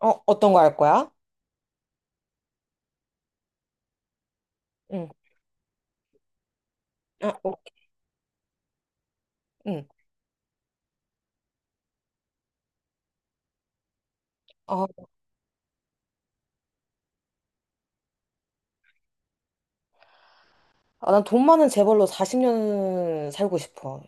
어, 어떤 거 할 거야? 응, 아, 오케이. 응. 아, 아, 난 돈 많은 재벌로 40년 살고 싶어.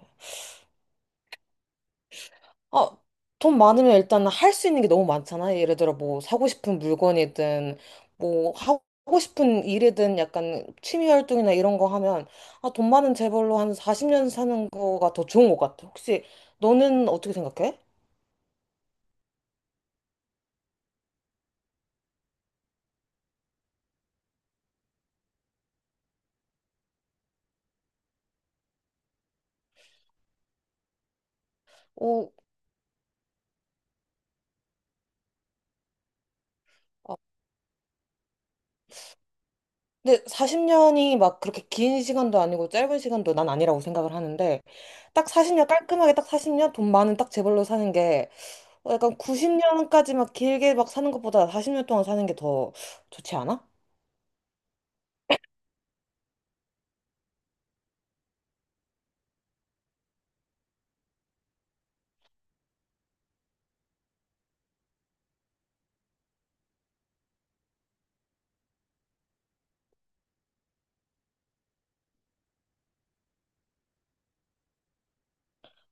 아, 돈 많으면 일단 할 수 있는 게 너무 많잖아. 예를 들어 뭐 사고 싶은 물건이든 뭐 하고 싶은 일이든 약간 취미 활동이나 이런 거 하면 아, 돈 많은 재벌로 한 40년 사는 거가 더 좋은 것 같아. 혹시 너는 어떻게 생각해? 오. 근데 40년이 막 그렇게 긴 시간도 아니고 짧은 시간도 난 아니라고 생각을 하는데 딱 40년 깔끔하게 딱 40년 돈 많은 딱 재벌로 사는 게 어, 약간 90년까지 막 길게 막 사는 것보다 40년 동안 사는 게 더 좋지 않아?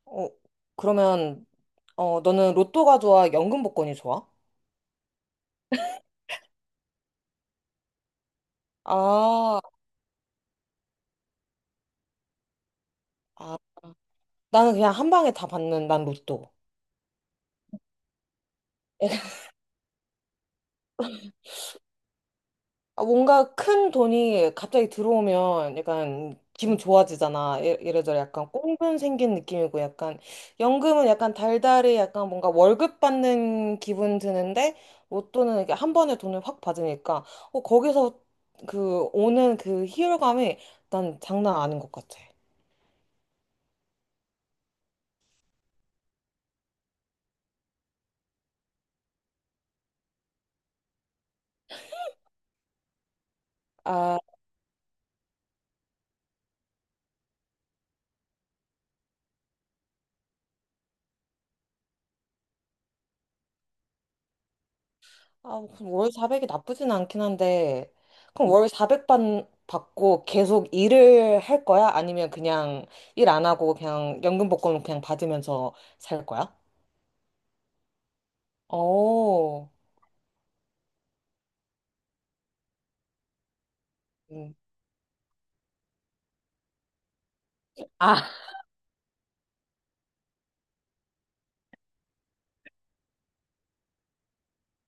어, 그러면 어, 너는 로또가 좋아? 연금 복권이 좋아? 아, 아, 나는 그냥 한 방에 다 받는 난 로또. 아, 뭔가 큰 돈이 갑자기 들어오면 약간 기분 좋아지잖아. 이래저래 약간 꽁돈 생긴 느낌이고 약간 연금은 약간 달달이 약간 뭔가 월급 받는 기분 드는데 로또는 이게 한 번에 돈을 확 받으니까 어, 거기서 그 오는 그 희열감이 난 장난 아닌 것 같아. 아, 아, 그럼 월 400이 나쁘진 않긴 한데, 그럼 월 400 받고 계속 일을 할 거야? 아니면 그냥 일 안 하고 그냥 연금복권 그냥 받으면서 살 거야? 오... 음. 아,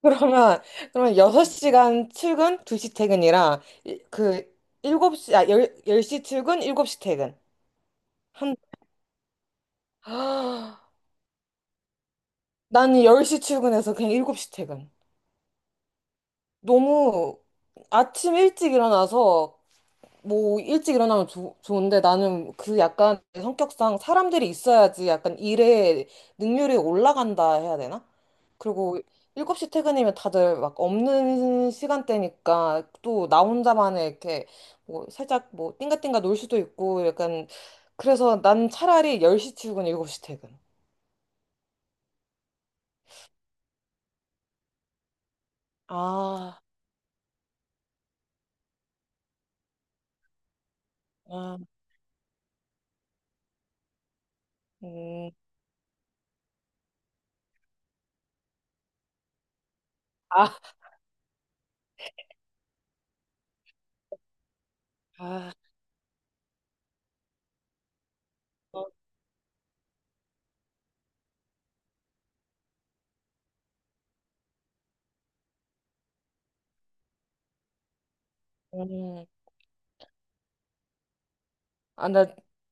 그러면, 그러면 6시간 출근, 2시 퇴근이랑, 일곱 시 아, 10, 시 출근, 7시 퇴근. 한, 아, 나는 10시 출근해서 그냥 7시 퇴근. 너무 아침 일찍 일어나서 뭐 일찍 일어나면 좋 좋은데 나는 그 약간 내 성격상 사람들이 있어야지 약간 일에 능률이 올라간다 해야 되나? 그리고 7시 퇴근이면 다들 막 없는 시간대니까 또 나 혼자만의 이렇게 뭐 살짝 뭐 띵가띵가 놀 수도 있고 약간 그래서 난 차라리 10시 출근, 7시 퇴근. 아, 아, 음, 아, 아, 음. 아, 나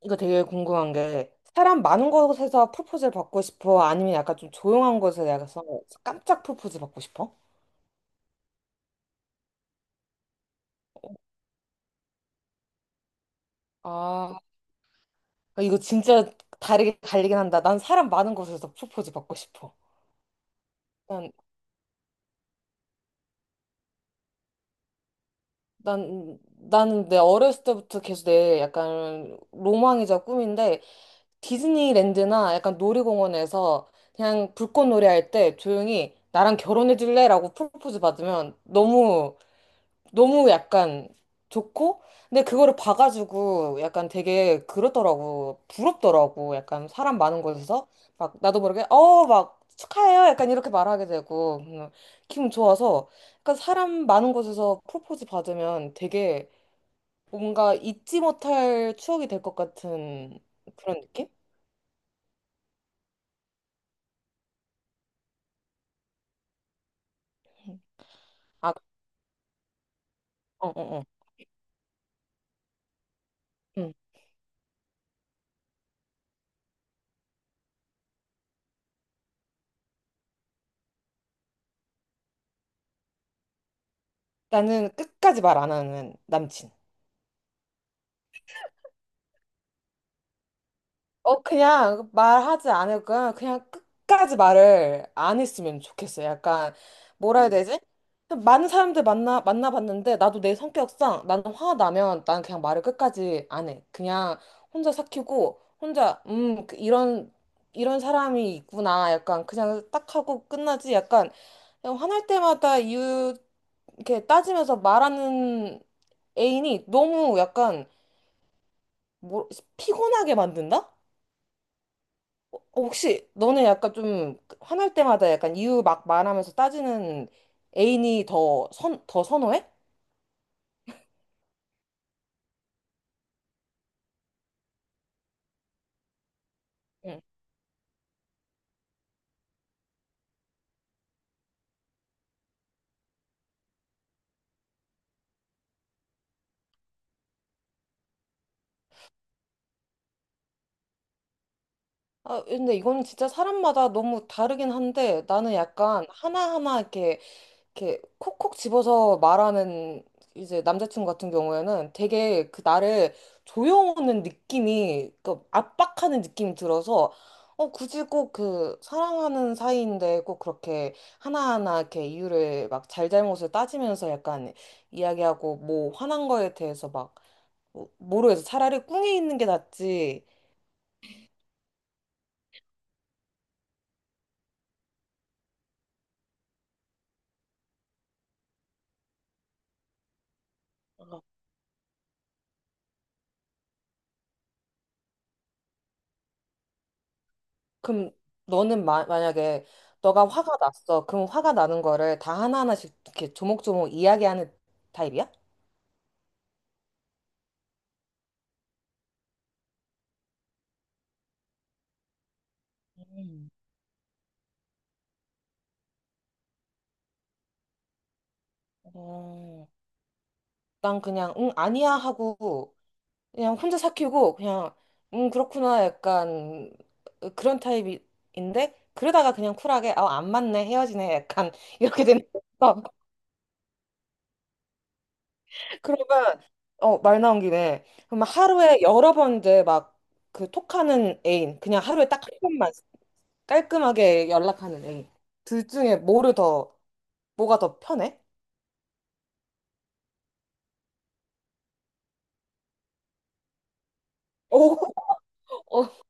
이거 되게 궁금한 게 사람 많은 곳에서 프로포즈를 받고 싶어? 아니면 약간 좀 조용한 곳에서 약간 깜짝 프로포즈 받고 싶어? 아, 이거 진짜 다르게 갈리긴 한다. 난 사람 많은 곳에서 프로포즈 받고 싶어. 난, 난, 나는 내 어렸을 때부터 계속 내 약간 로망이자 꿈인데 디즈니랜드나 약간 놀이공원에서 그냥 불꽃놀이 할 때 조용히 나랑 결혼해 줄래? 라고 프로포즈 받으면 너무 너무 약간 좋고, 근데 그거를 봐가지고 약간 되게 그렇더라고. 부럽더라고. 약간 사람 많은 곳에서. 막 나도 모르게, 어, 막 축하해요. 약간 이렇게 말하게 되고. 기분 좋아서. 약간 사람 많은 곳에서 프로포즈 받으면 되게 뭔가 잊지 못할 추억이 될 것 같은 그런 느낌? 아, 어, 어, 어. 음. 나는 끝까지 말 안 하는 남친. 어, 그냥 말하지 않을 거야. 그냥 끝까지 말을 안 했으면 좋겠어요. 약간, 뭐라 해야 되지? 많은 사람들 만나봤는데, 나도 내 성격상, 나는 화나면 난 그냥 말을 끝까지 안 해. 그냥 혼자 삭히고, 혼자, 그 이런 사람이 있구나. 약간 그냥 딱 하고 끝나지. 약간, 그냥 화날 때마다 이렇게 따지면서 말하는 애인이 너무 약간, 뭐, 피곤하게 만든다? 어, 혹시 너네 약간 좀 화날 때마다 약간 이유 막 말하면서 따지는 애인이 더 선호해? 응. 아, 근데 이거는 진짜 사람마다 너무 다르긴 한데 나는 약간 하나하나 이렇게 콕콕 집어서 말하는 이제 남자친구 같은 경우에는 되게 그 나를 조여오는 느낌이 그 압박하는 느낌이 들어서 어, 굳이 꼭 그 사랑하는 사이인데 꼭 그렇게 하나하나 이렇게 이유를 막 잘잘못을 따지면서 약간 이야기하고 뭐 화난 거에 대해서 막 뭐, 모르겠어. 차라리 꿍해 있는 게 낫지. 그럼 너는 만약에 너가 화가 났어. 그럼 화가 나는 거를 다 하나하나씩 이렇게 조목조목 이야기하는 타입이야? 음. 어, 난 그냥 응 아니야 하고 그냥 혼자 삭히고 그냥 응 그렇구나 약간 그런 타입인데 그러다가 그냥 쿨하게 아안 맞네 헤어지네 약간 이렇게 되는 거 그러면 어, 말 나온 김에 그럼 하루에 여러 번 이제 막 그 톡하는 애인 그냥 하루에 딱 한 번만 깔끔하게 연락하는 애 둘 중에 뭐가 더 편해? 오, 어,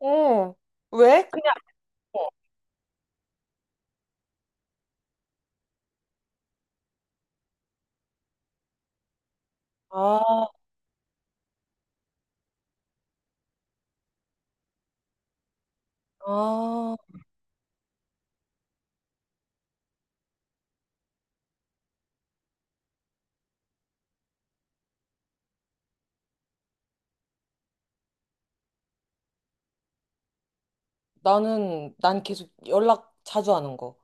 어. 왜? 아, 아, 난 계속 연락 자주 하는 거.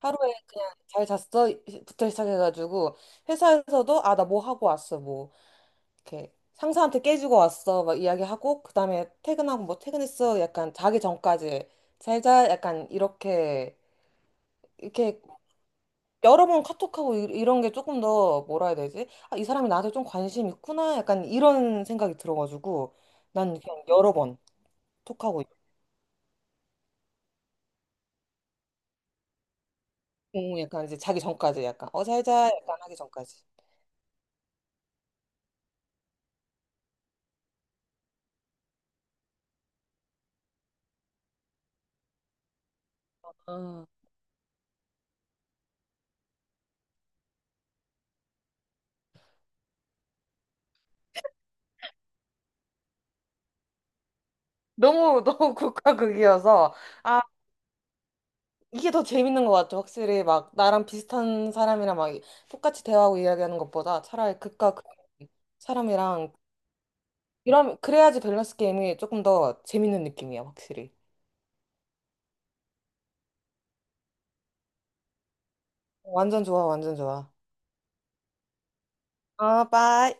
하루에 그냥 잘 잤어? 부터 시작해가지고, 회사에서도, 아, 나 뭐 하고 왔어, 뭐. 이렇게 상사한테 깨지고 왔어, 막 이야기하고, 그 다음에 퇴근하고 뭐 퇴근했어? 약간 자기 전까지 잘 자? 약간 이렇게 여러 번 카톡하고 이런 게 조금 더 뭐라 해야 되지? 아, 이 사람이 나한테 좀 관심 있구나. 약간 이런 생각이 들어가지고 난 그냥 여러 번 톡하고 응, 약간 이제 자기 전까지 약간 어 살자 약간 하기 전까지. 어, 너무 너무 국가극이어서 아, 이게 더 재밌는 것 같아. 확실히 막 나랑 비슷한 사람이랑 막 똑같이 대화하고 이야기하는 것보다 차라리 극과 극 사람이랑 이런 그래야지 밸런스 게임이 조금 더 재밌는 느낌이야. 확실히 완전 좋아. 완전 좋아. 아, 빠이.